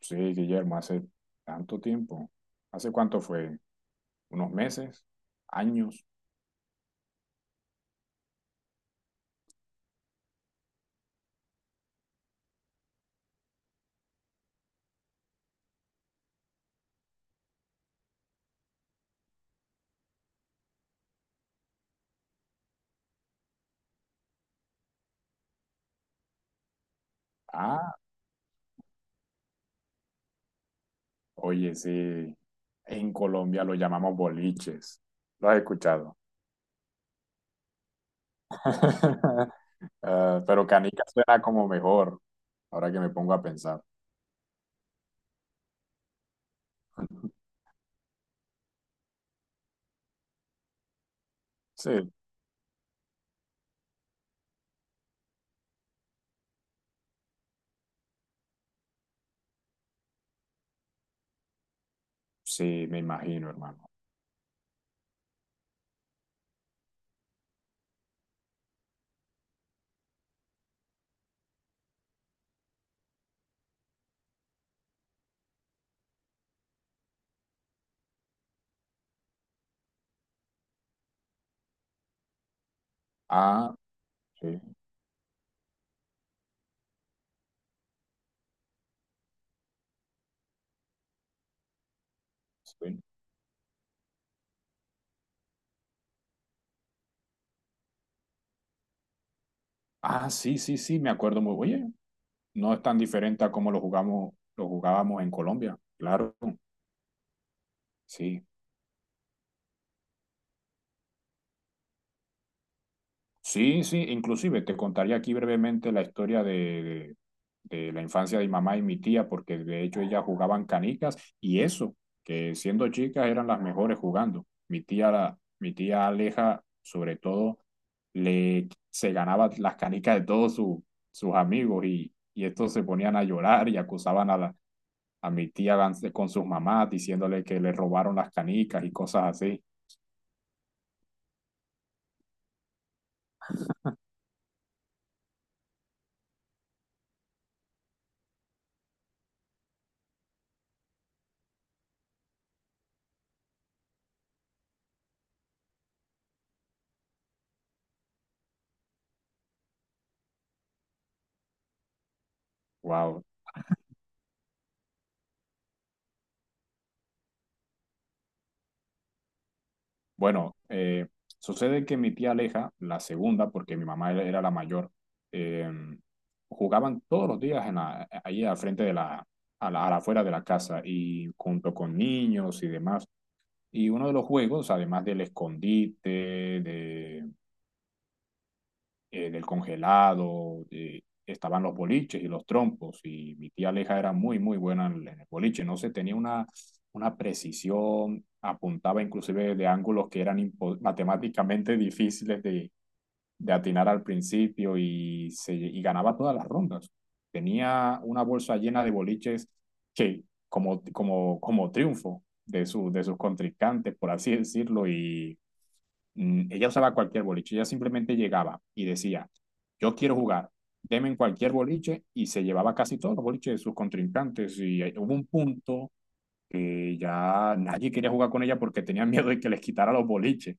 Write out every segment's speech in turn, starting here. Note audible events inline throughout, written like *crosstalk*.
Sí, Guillermo, hace tanto tiempo. ¿Hace cuánto fue? ¿Unos meses? ¿Años? Ah, oye, sí. En Colombia lo llamamos boliches. Lo has escuchado. *laughs* Ah, pero canica suena como mejor, ahora que me pongo a pensar. Sí, sí, me imagino, hermano. Ah, sí, sí. Ah, sí, sí, sí, me acuerdo muy. Bien. Oye, no es tan diferente a como lo jugábamos en Colombia. Claro, sí. Sí, sí, inclusive te contaría aquí brevemente la historia de la infancia de mi mamá y mi tía, porque de hecho ellas jugaban canicas y eso, que siendo chicas eran las mejores jugando. Mi tía, mi tía Aleja, sobre todo, le, se ganaba las canicas de todos sus amigos y estos se ponían a llorar y acusaban a, la, a mi tía con sus mamás diciéndole que le robaron las canicas y cosas así. Wow. Bueno, sucede que mi tía Aleja, la segunda, porque mi mamá era la mayor, eh, jugaban todos los días en la, ahí al frente de la, a la, a la afuera de la casa y junto con niños y demás. Y uno de los juegos, además del escondite, del congelado, estaban los boliches y los trompos, y mi tía Aleja era muy, muy buena en el boliche, no sé, tenía una precisión, apuntaba inclusive de ángulos que eran impo- matemáticamente difíciles de atinar al principio y, se, y ganaba todas las rondas. Tenía una bolsa llena de boliches que, como, como, como triunfo de, su, de sus contrincantes, por así decirlo, y ella usaba cualquier boliche, ella simplemente llegaba y decía, yo quiero jugar, deme en cualquier boliche y se llevaba casi todos los boliches de sus contrincantes y ahí hubo un punto que ya nadie quería jugar con ella porque tenía *laughs* miedo de que les quitara los boliches.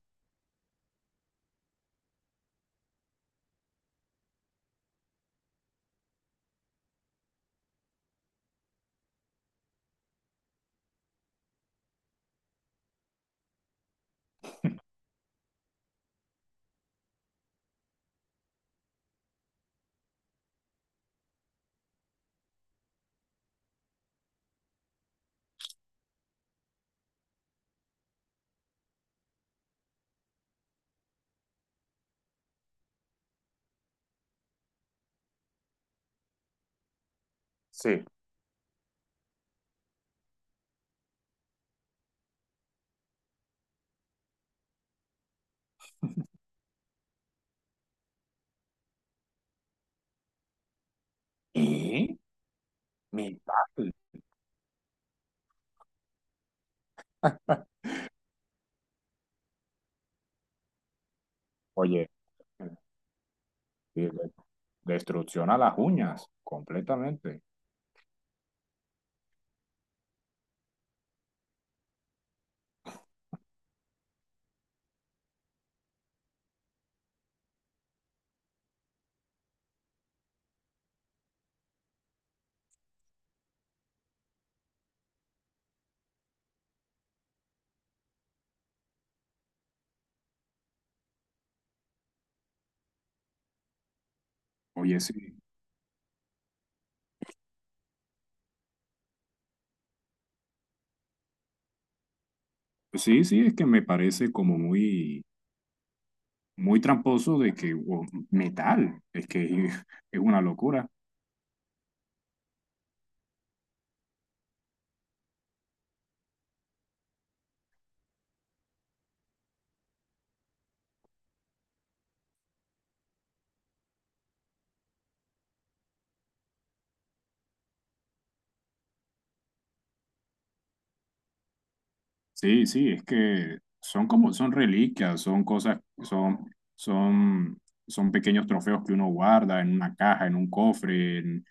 Sí. Y mi padre. *laughs* Oye, eh, destrucción a las uñas, completamente. Oye, sí, sí, sí, es que me parece como muy, muy tramposo de que, o, metal, es que *laughs* es una locura. Sí, sí, es que son como, son reliquias, son cosas, son, son, son pequeños trofeos que uno guarda en una caja, en un cofre,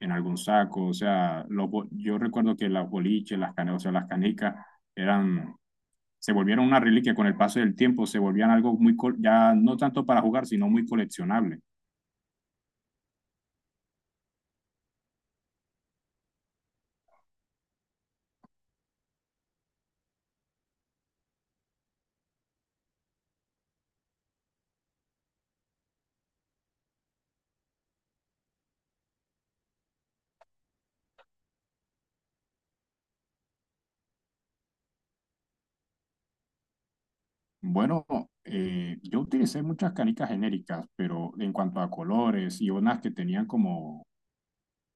en algún saco. O sea, los bo- yo recuerdo que las boliches, las canecas, o sea, las canicas eran, se volvieron una reliquia con el paso del tiempo, se volvían algo muy, col- ya no tanto para jugar, sino muy coleccionable. Bueno, yo utilicé muchas canicas genéricas, pero en cuanto a colores y unas que tenían como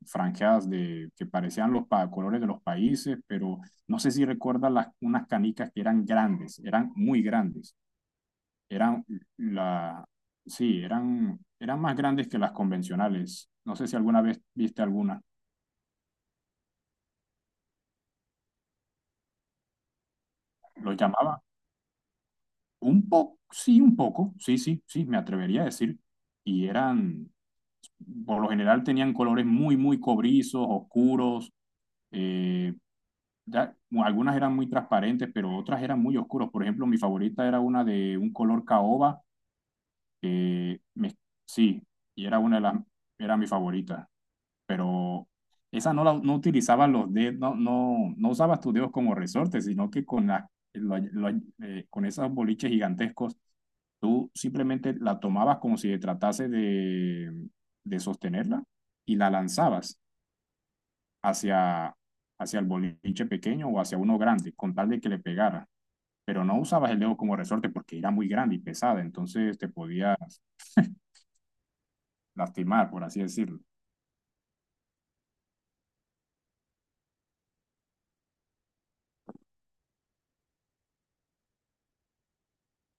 franjas de, que parecían los pa- colores de los países, pero no sé si recuerdas las, unas canicas que eran grandes, eran muy grandes, eran la, sí, eran, eran más grandes que las convencionales. No sé si alguna vez viste alguna. Los llamaba un poco, sí, sí, sí, me atrevería a decir. Y eran, por lo general tenían colores muy, muy cobrizos, oscuros, eh, ya, algunas eran muy transparentes, pero otras eran muy oscuras. Por ejemplo, mi favorita era una de un color caoba, que sí, y era una de las, era mi favorita, pero esa no la no utilizaba los dedos, no, no, no usabas tus dedos como resortes, sino que con las lo- lo- con esos boliches gigantescos, tú simplemente la tomabas como si tratase de sostenerla y la lanzabas hacia, hacia el boliche pequeño o hacia uno grande, con tal de que le pegara. Pero no usabas el dedo como resorte porque era muy grande y pesada, entonces te podías lastimar, por así decirlo.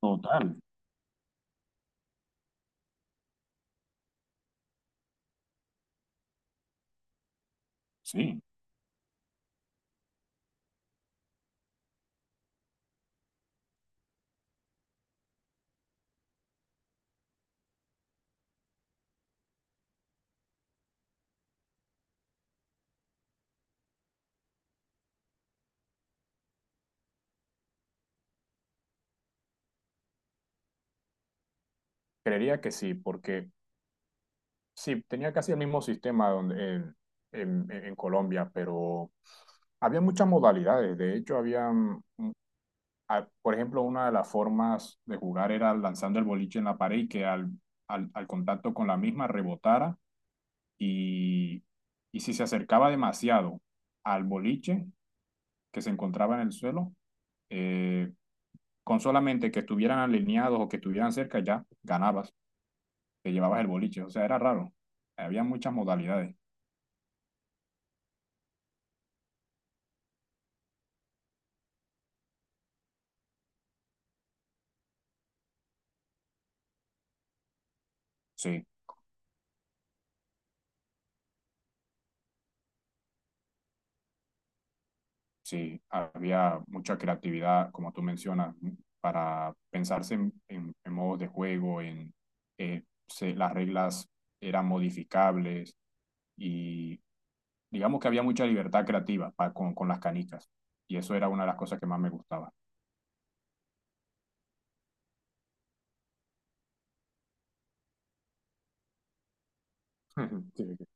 Total, sí. Creería que sí, porque sí, tenía casi el mismo sistema donde, en Colombia, pero había muchas modalidades. De hecho, había, por ejemplo, una de las formas de jugar era lanzando el boliche en la pared y que al contacto con la misma rebotara y, y si se acercaba demasiado al boliche que se encontraba en el suelo, eh, con solamente que estuvieran alineados o que estuvieran cerca ya ganabas, te llevabas el boliche, o sea, era raro, había muchas modalidades, sí, sí, había mucha creatividad, como tú mencionas, para pensarse en, en modos de juego, en las reglas eran modificables y digamos que había mucha libertad creativa pa- con las canicas. Y eso era una de las cosas que más me gustaba. *laughs*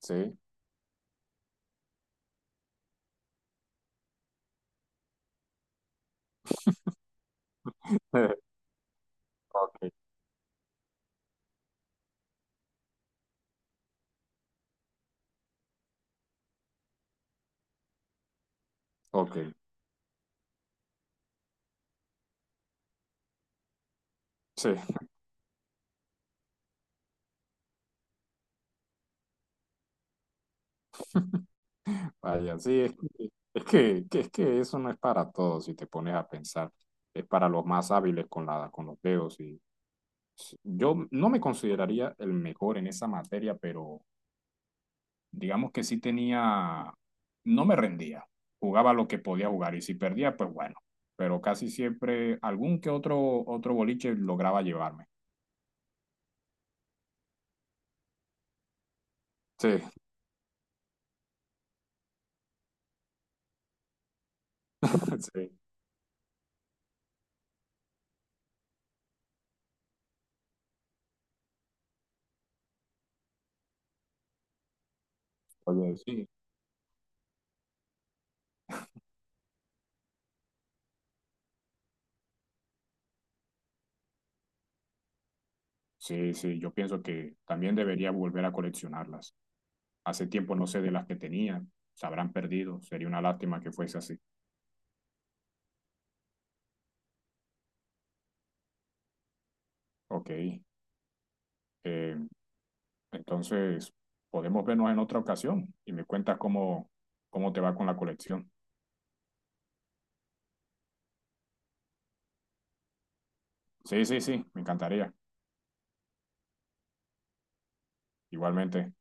Sí. Ok. Sí. *laughs* Ok, ok. Sí. *laughs* Vaya, sí, es que- es que eso no es para todos si te pones a pensar. Es para los más hábiles con la, con los dedos. Y yo no me consideraría el mejor en esa materia, pero digamos que sí tenía, no me rendía, jugaba lo que podía jugar y si perdía, pues bueno, pero casi siempre algún que otro, otro boliche lograba llevarme. Sí, *laughs* sí, oye, sí. Sí, sí, yo pienso que también debería volver a coleccionarlas. Hace tiempo no sé de las que tenía, se habrán perdido, sería una lástima que fuese así. Ok, eh, entonces podemos vernos en otra ocasión y me cuentas cómo, cómo te va con la colección. Sí, sí, sí, me encantaría, igualmente.